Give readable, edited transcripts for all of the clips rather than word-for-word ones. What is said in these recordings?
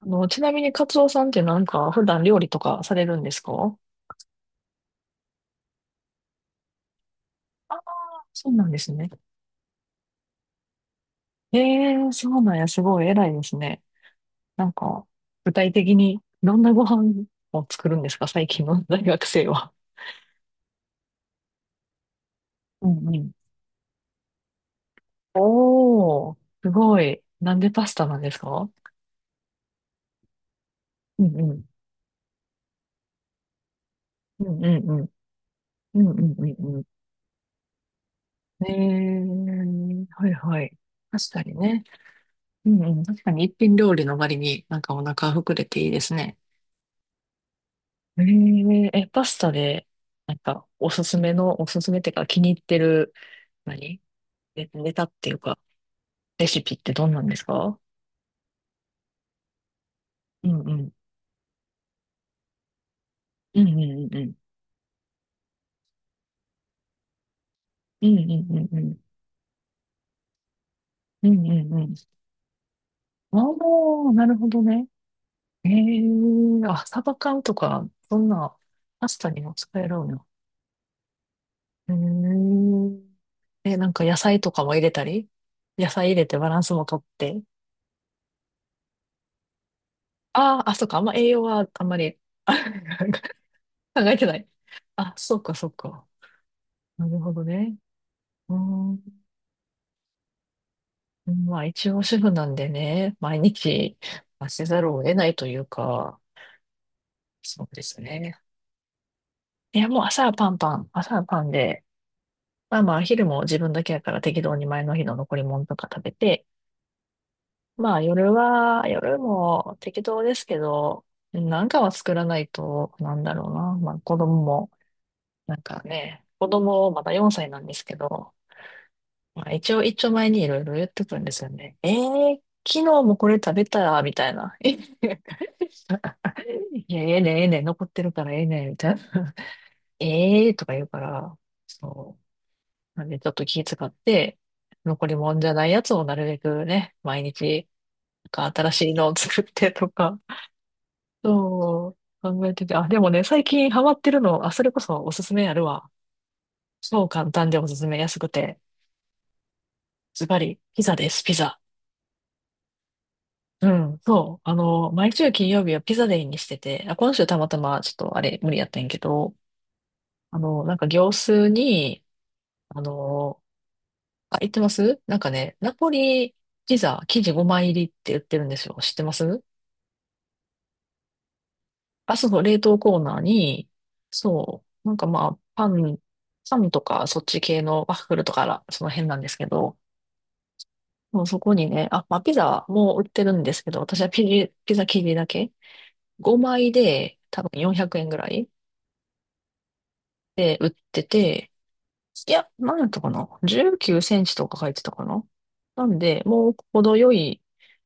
ちなみにカツオさんってなんか普段料理とかされるんですか？ああー、そうなんですね。ええー、そうなんや、すごい偉いですね。なんか、具体的にどんなご飯を作るんですか？最近の大学生は。うんうん。おー、すごい。なんでパスタなんですか？うんうん。うんうんうん。うんうんうんうん。ええー、はいはい。確かにね。うんうんうん、ええ、はいはい、確かにね、うんうん、確かに一品料理の割になんかお腹膨れていいですね。えええ、パスタで、なんか、おすすめっていうか、気に入ってる、何ネタっていうか、レシピってどんなんですか？うんうん。うんうんうんうん。うんうんうんうん。うんうんうん。ああ、なるほどね。あ、サバ缶とか、そんな、パスタにも使えるのよ。えええ、なんか野菜とかも入れたり？野菜入れてバランスもとって。ああ、あ、そうか、あんま栄養はあんまり。考えてない。あ、そうか、そうか。なるほどね。うーん。まあ、一応主婦なんでね、毎日、まあ、せざるを得ないというか、そうですね。いや、もう朝はパンで、まあまあ、昼も自分だけやから適当に前の日の残り物とか食べて、まあ、夜も適当ですけど、なんかは作らないと、なんだろうな。まあ、子供も、なんかね、子供まだ4歳なんですけど、まあ、一応、一丁前にいろいろ言ってくるんですよね。昨日もこれ食べたら、みたいな。いや、ええねん、ええねん、残ってるからええねん、みたいな。ええー、とか言うから、そう。なんで、ちょっと気遣って、残りもんじゃないやつをなるべくね、毎日、なんか新しいのを作ってとか、そう、考えてて、あ、でもね、最近ハマってるの、あ、それこそおすすめあるわ。そう、簡単でおすすめ安くて、ズバリ、ピザです、ピザ。うん、そう。毎週金曜日はピザデイにしてて、あ、今週たまたまちょっとあれ無理やったんやけど、なんか業数に、あの、あ、言ってますなんかね、ナポリピザ生地5枚入りって言ってるんですよ。知ってます？あ、そうそう、冷凍コーナーに、そう、なんかまあ、パンとかそっち系のワッフルとから、その辺なんですけど、もうそこにね、あ、まあ、ピザも売ってるんですけど、私はピザ生地だけ5枚で多分400円ぐらい。で、売ってて、いや、なんだったかな？ 19 センチとか書いてたかな？なんで、もう程よい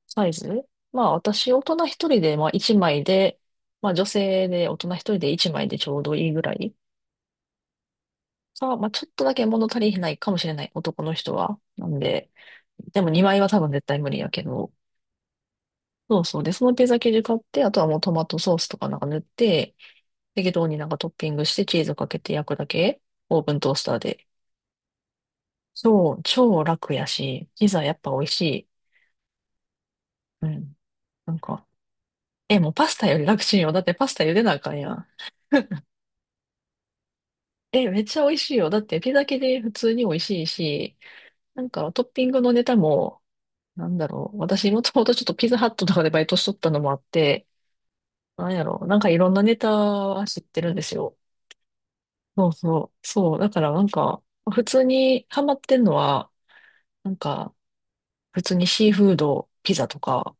サイズ。まあ私、大人一人で、まあ一枚で、まあ女性で大人一人で一枚でちょうどいいぐらい。さあ、まあちょっとだけ物足りないかもしれない、男の人は。なんで、でも2枚は多分絶対無理やけど。そうそう。で、そのピザ生地買って、あとはもうトマトソースとかなんか塗って、適当になんかトッピングしてチーズかけて焼くだけ。オーブントースターで。そう、超楽やし、ピザやっぱ美味しい。うん。なんか、え、もうパスタより楽しいよ。だってパスタ茹でなあかんやん。え、めっちゃ美味しいよ。だってピザ系で普通に美味しいし、なんかトッピングのネタも、なんだろう。私もともとちょっとピザハットとかでバイトしとったのもあって、なんやろう。なんかいろんなネタは知ってるんですよ。そうそう。そう。だからなんか、普通にハマってんのは、なんか、普通にシーフード、ピザとか、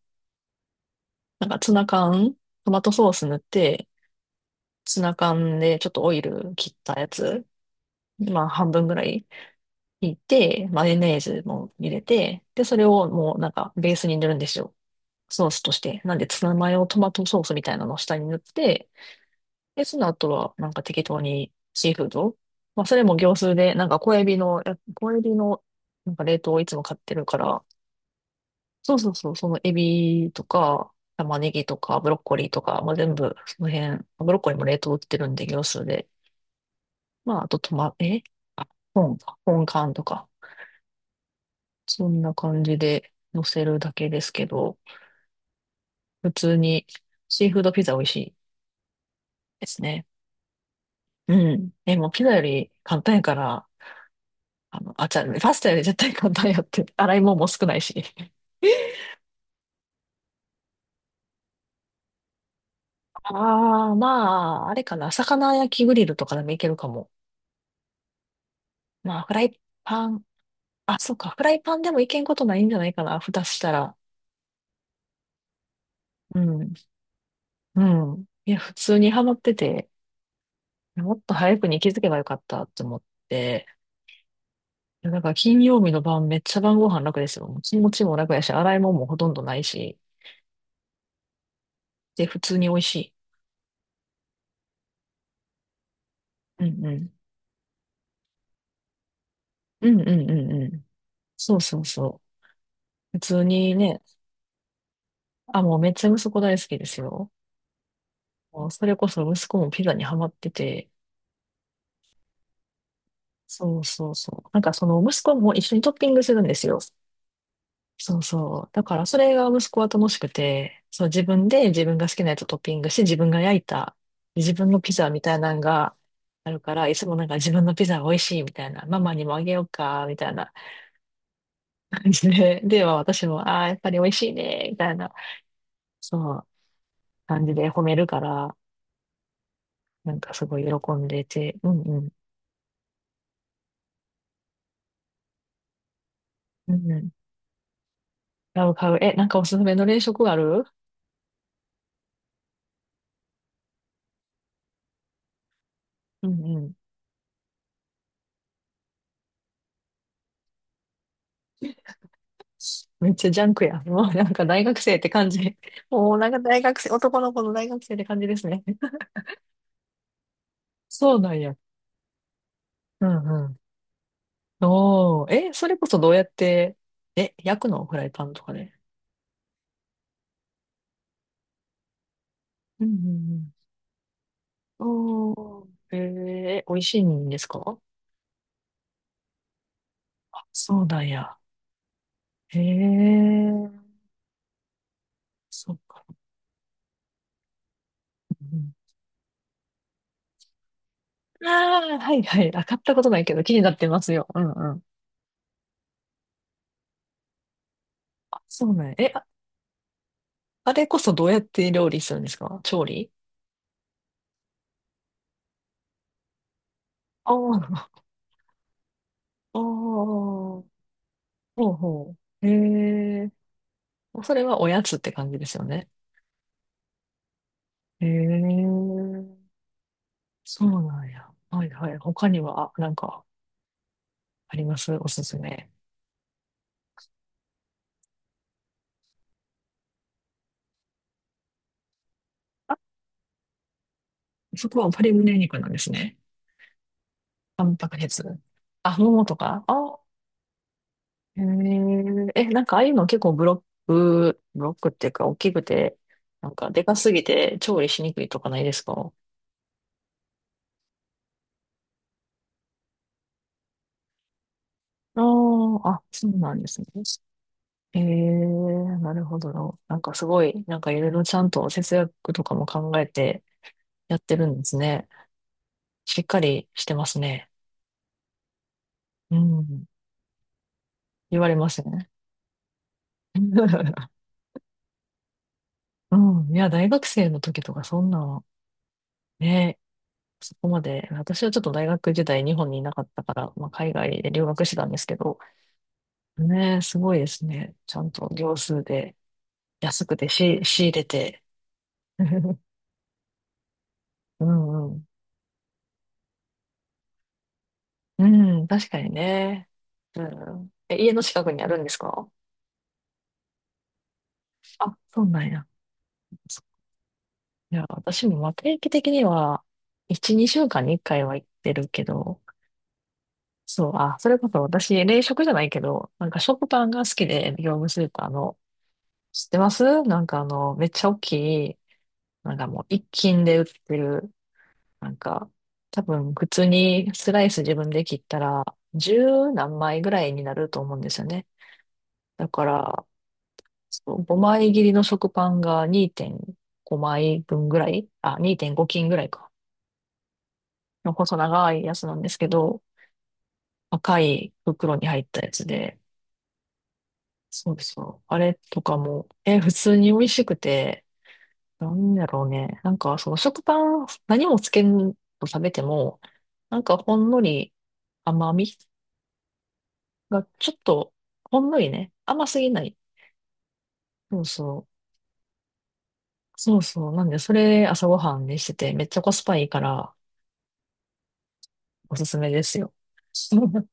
なんかツナ缶、トマトソース塗って、ツナ缶でちょっとオイル切ったやつ、まあ半分ぐらい引いて、マヨネーズも入れて、で、それをもうなんかベースに塗るんですよ。ソースとして。なんでツナマヨトマトソースみたいなのを下に塗って、で、その後はなんか適当にシーフード。まあそれも業スーで、なんか小エビの、や小エビのなんか冷凍をいつも買ってるから、そうそうそう、そのエビとか、玉ねぎとか、ブロッコリーとか、まあ全部、その辺、ブロッコリーも冷凍売ってるんで、業スーで。まあ、あとトマ、あ、本か、本缶とか、そんな感じで乗せるだけですけど、普通にシーフードピザ美味しいですね。うん。え、もうピザより簡単やから、あ、じゃあ、パスタより絶対簡単やって、洗い物も少ないし。ああ、まあ、あれかな、魚焼きグリルとかでもいけるかも。まあ、フライパン、あ、そうか、フライパンでもいけんことないんじゃないかな、蓋したら。うん、うん。いや、普通にハマってて、もっと早くに気づけばよかったと思って、いやだから金曜日の晩、めっちゃ晩ご飯楽ですよ。もう気持ちも楽やし、洗い物もほとんどないし、で、普通に美味しい。うんうん。うんうんうんうん。そうそうそう。普通にね、あ、もうめっちゃ息子大好きですよ。もうそれこそ息子もピザにハマってて、そうそうそう。なんかその息子も一緒にトッピングするんですよ。そうそう。だからそれが息子は楽しくて、そう自分で自分が好きなやつをトッピングして自分が焼いた自分のピザみたいなのがあるから、いつもなんか自分のピザが美味しいみたいな、ママにもあげようか、みたいな感じで、で、まあ私も、ああ、やっぱり美味しいね、みたいな、そう、感じで褒めるから、なんかすごい喜んでて、うんうん、うんうん、買う買う。え、なんかおすすめの冷食ある？うんうん。めっちゃジャンクや。もうなんか大学生って感じ。もうなんか大学生、男の子の大学生って感じですね。そうなんや。うんうん。おー、え、それこそどうやって、え、焼くの？フライパンとかで？うんうんうん。おー、美味しいんですか？そうなんや。へえー、そっか。うん、ああ、はいはい。あ、買ったことないけど気になってますよ。うんうん。あ、そうなんや。え、あ、あれこそどうやって料理するんですか？調理？ああー、おー、ほうほう。へえ。それはおやつって感じですよね。へえ。そうなんや。はいはい。他には、なんか、あります？おすすめ。そこは鶏胸肉なんですね。タンパク質。あ、ももとかあ、へえ。え、なんかああいうの結構ブロックっていうか大きくて、なんかでかすぎて調理しにくいとかないですか？ああー、あ、そうなんですね。ええ、なるほどな。なんかすごい、なんかいろいろちゃんと節約とかも考えてやってるんですね。しっかりしてますね。うん。言われますね。うん。いや、大学生の時とかそんな、ね、そこまで、私はちょっと大学時代日本にいなかったから、まあ、海外で留学してたんですけど、ね、すごいですね。ちゃんと行数で安くてし仕入れて。うんうん。うん、確かにね。うん。え、家の近くにあるんですか？あ、そうなんや。いや、私もまあ定期的には、1、2週間に1回は行ってるけど、そう、あ、それこそ私、冷食じゃないけど、なんか食パンが好きで、業務スーパーの、知ってます？なんかめっちゃ大きい、なんかもう一斤で売ってる、なんか、多分普通にスライス自分で切ったら、十何枚ぐらいになると思うんですよね。だから、そう、5枚切りの食パンが2.5枚分ぐらい、あ、2.5斤ぐらいか。の細長いやつなんですけど、赤い袋に入ったやつで、そうそう。あれとかも、え、普通に美味しくて、なんだろうね。なんか、その食パン、何もつけんと食べても、なんかほんのり甘みがちょっと、ほんのりね、甘すぎない。そうそう。そうそう。なんで、それ朝ごはんにしてて、めっちゃコスパいいから、おすすめですよ。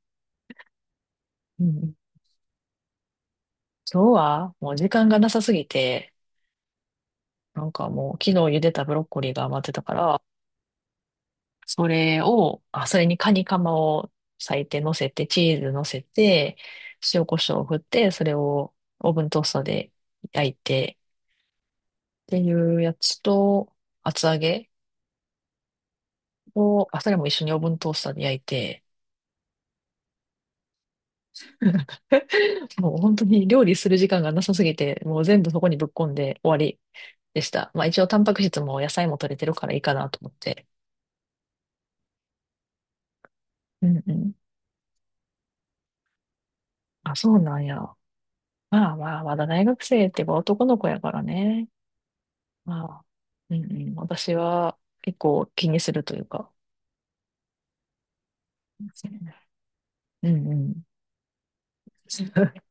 うん、今日はもう時間がなさすぎて、なんかもう昨日茹でたブロッコリーが余ってたから、それを、あ、それにカニカマを裂いて乗せて、チーズ乗せて、塩コショウを振って、それをオーブントースターで焼いてっていうやつと、厚揚げを、あ、それも一緒にオーブントースターで焼いて、もう本当に料理する時間がなさすぎて、もう全部そこにぶっ込んで終わりでした。まあ一応タンパク質も野菜も取れてるからいいかなと思って。うんうん。あ、そうなんや。まあまあ、まだ大学生ってば男の子やからね。まあ、うんうん。私は結構気にするというか。そうね、うんうん。